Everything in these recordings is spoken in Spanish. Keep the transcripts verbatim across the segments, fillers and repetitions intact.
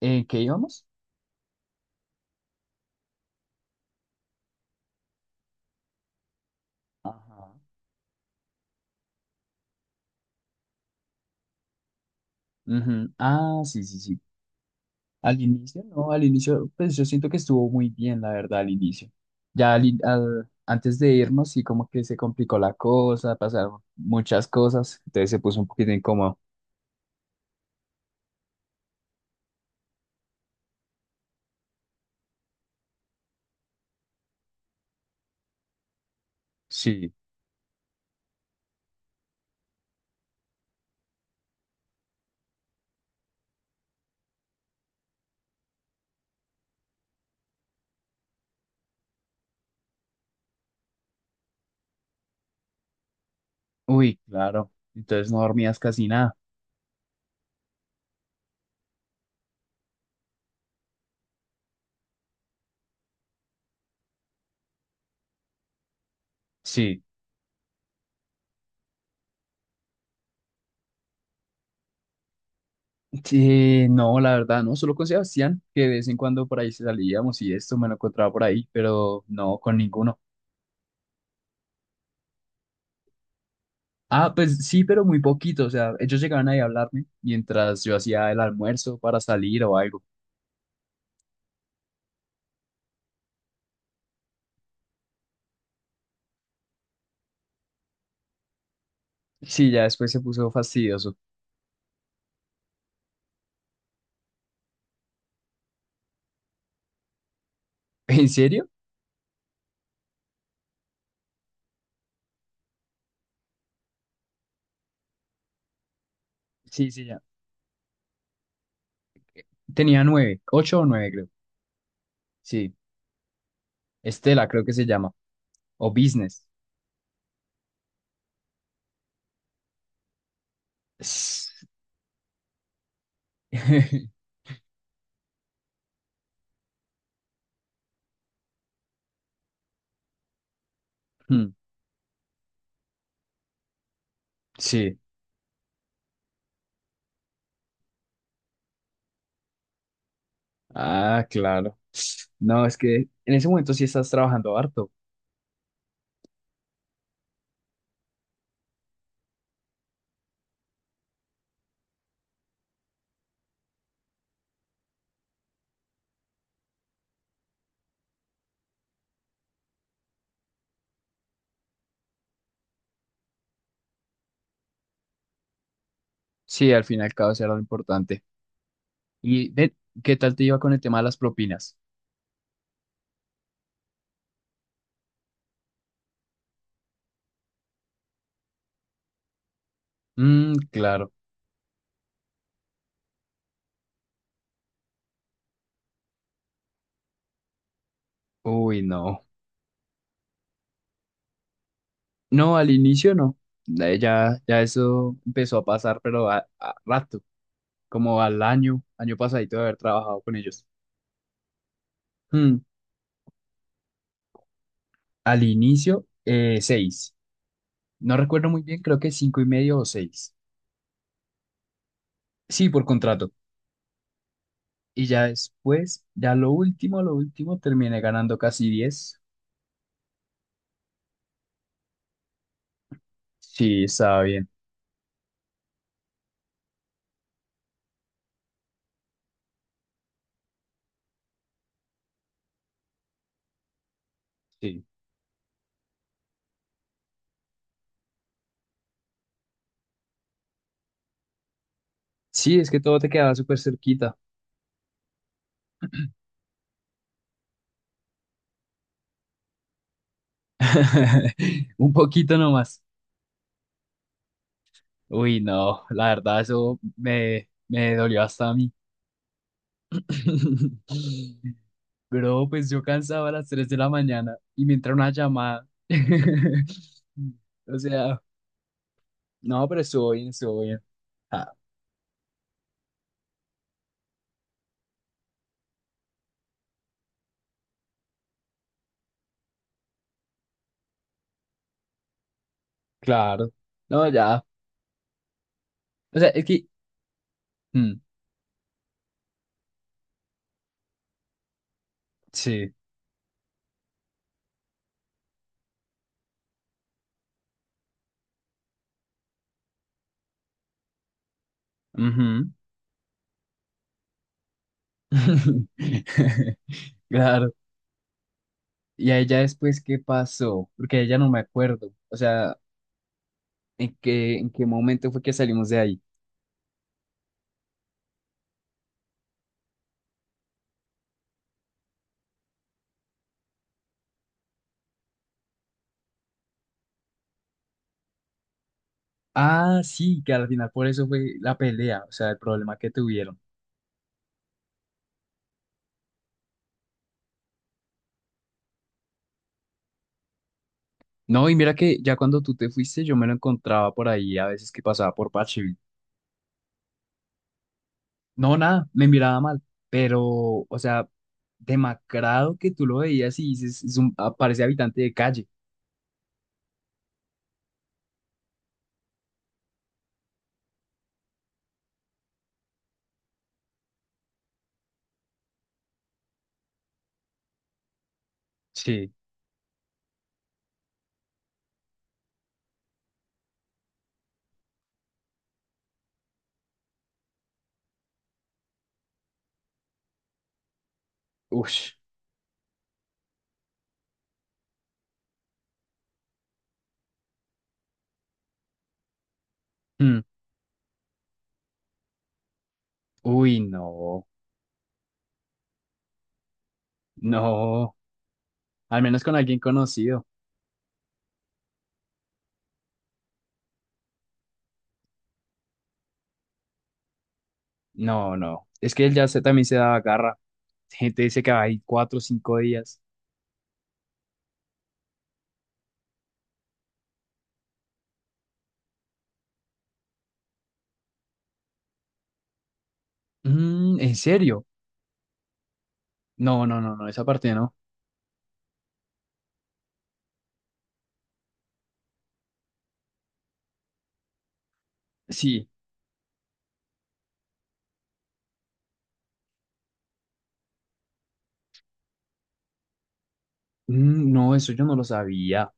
¿En qué íbamos? Ajá. Ujú. Ah, sí, sí, sí. Al inicio, no, al inicio, pues yo siento que estuvo muy bien, la verdad, al inicio. Ya al, in- al- antes de irnos, sí, como que se complicó la cosa, pasaron muchas cosas, entonces se puso un poquito incómodo. Sí, uy, claro. Entonces no dormías casi nada. Sí. Sí, no, la verdad, no, solo con Sebastián, que de vez en cuando por ahí salíamos y esto me lo encontraba por ahí, pero no con ninguno. Ah, pues sí, pero muy poquito. O sea, ellos llegaban ahí a hablarme mientras yo hacía el almuerzo para salir o algo. Sí, ya después se puso fastidioso. ¿En serio? Sí, sí, ya. Tenía nueve, ocho o nueve, creo. Sí. Estela, creo que se llama. O Business. S- Hmm. Sí. Ah, claro. No, es que en ese momento sí estás trabajando harto. Sí, al fin y al cabo eso era lo importante. ¿Y ve, qué tal te iba con el tema de las propinas? Mm, claro. Uy, no. No, al inicio no. Eh, Ya, ya eso empezó a pasar, pero a, a rato, como al año, año pasadito de haber trabajado con ellos. Hmm. Al inicio, eh, seis. No recuerdo muy bien, creo que cinco y medio o seis. Sí, por contrato. Y ya después, ya lo último, lo último, terminé ganando casi diez. Sí, estaba bien. Sí. Sí, es que todo te quedaba súper cerquita. Un poquito nomás. Uy, no, la verdad, eso me, me dolió hasta a mí. Bro, pues yo cansaba a las tres de la mañana y me entra una llamada. O sea, no, pero estuvo bien, estuvo bien. Ah, claro. No, ya. O sea, es que. Mm, sí. Ujú. Claro. Y a ella después, ¿qué pasó? Porque a ella no me acuerdo. O sea, ¿en qué, en qué momento fue que salimos de ahí? Ah, sí, que al final por eso fue la pelea, o sea, el problema que tuvieron. No, y mira que ya cuando tú te fuiste, yo me lo encontraba por ahí a veces que pasaba por Parcheville. No, nada, me miraba mal, pero, o sea, demacrado que tú lo veías y dices, es un, ah, parece habitante de calle. Sí. Ush. Mm. Uy, no, no, al menos con alguien conocido. No, no, es que él ya se, también se daba garra. Gente dice que va ahí cuatro o cinco días. Mm, ¿en serio? No, no, no, no, esa parte no. Sí. Mm, no, eso yo no lo sabía.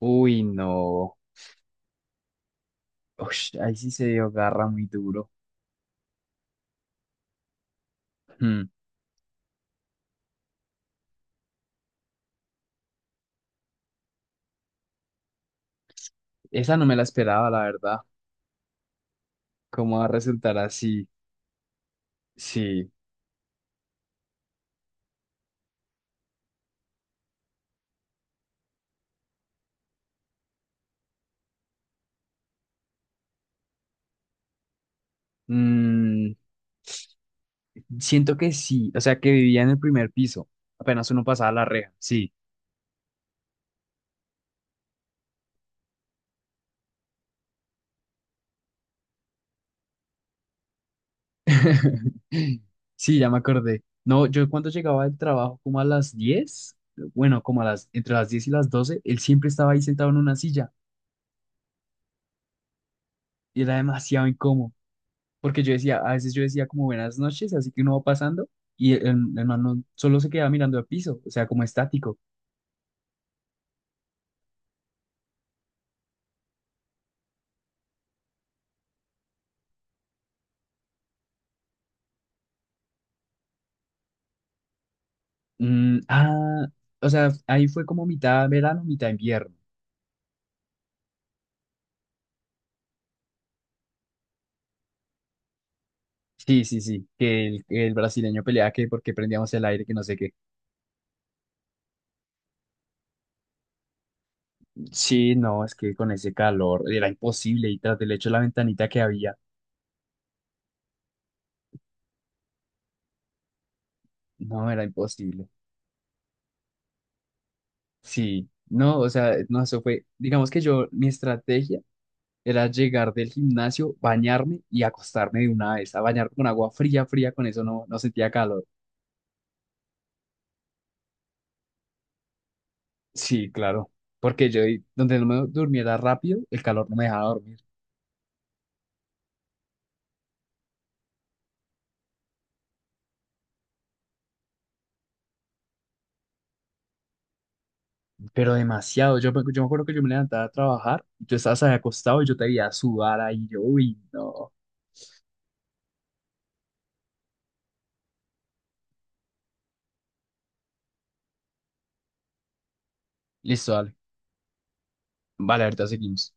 Uy, no. Ush, ahí sí se dio garra muy duro. Hmm. Esa no me la esperaba, la verdad. ¿Cómo va a resultar así? Sí. Mm, siento que sí. O sea, que vivía en el primer piso. Apenas uno pasaba la reja. Sí. Sí, ya me acordé. No, yo cuando llegaba del trabajo, como a las diez, bueno, como a las, entre las diez y las doce, él siempre estaba ahí sentado en una silla y era demasiado incómodo. Porque yo decía, a veces yo decía como buenas noches, así que uno va pasando y el, el man no- solo se quedaba mirando al piso, o sea, como estático. Mm, ah, o sea, ahí fue como mitad verano, mitad invierno. Sí, sí, sí, que el, el brasileño peleaba que porque prendíamos el aire, que no sé qué. Sí, no, es que con ese calor era imposible y tras del hecho la ventanita que había, no, era imposible. Sí, no, o sea, no, eso fue, digamos que yo, mi estrategia era llegar del gimnasio, bañarme y acostarme de una vez. A bañar con agua fría, fría, con eso no, no sentía calor. Sí, claro. Porque yo, ahí, donde no me durmiera rápido, el calor no me dejaba dormir. Pero demasiado. Yo, me- yo me acuerdo que yo me levantaba a trabajar, y tú estabas ahí acostado y yo te veía sudar ahí. Yo, uy, no. Listo, dale. Vale, ahorita seguimos.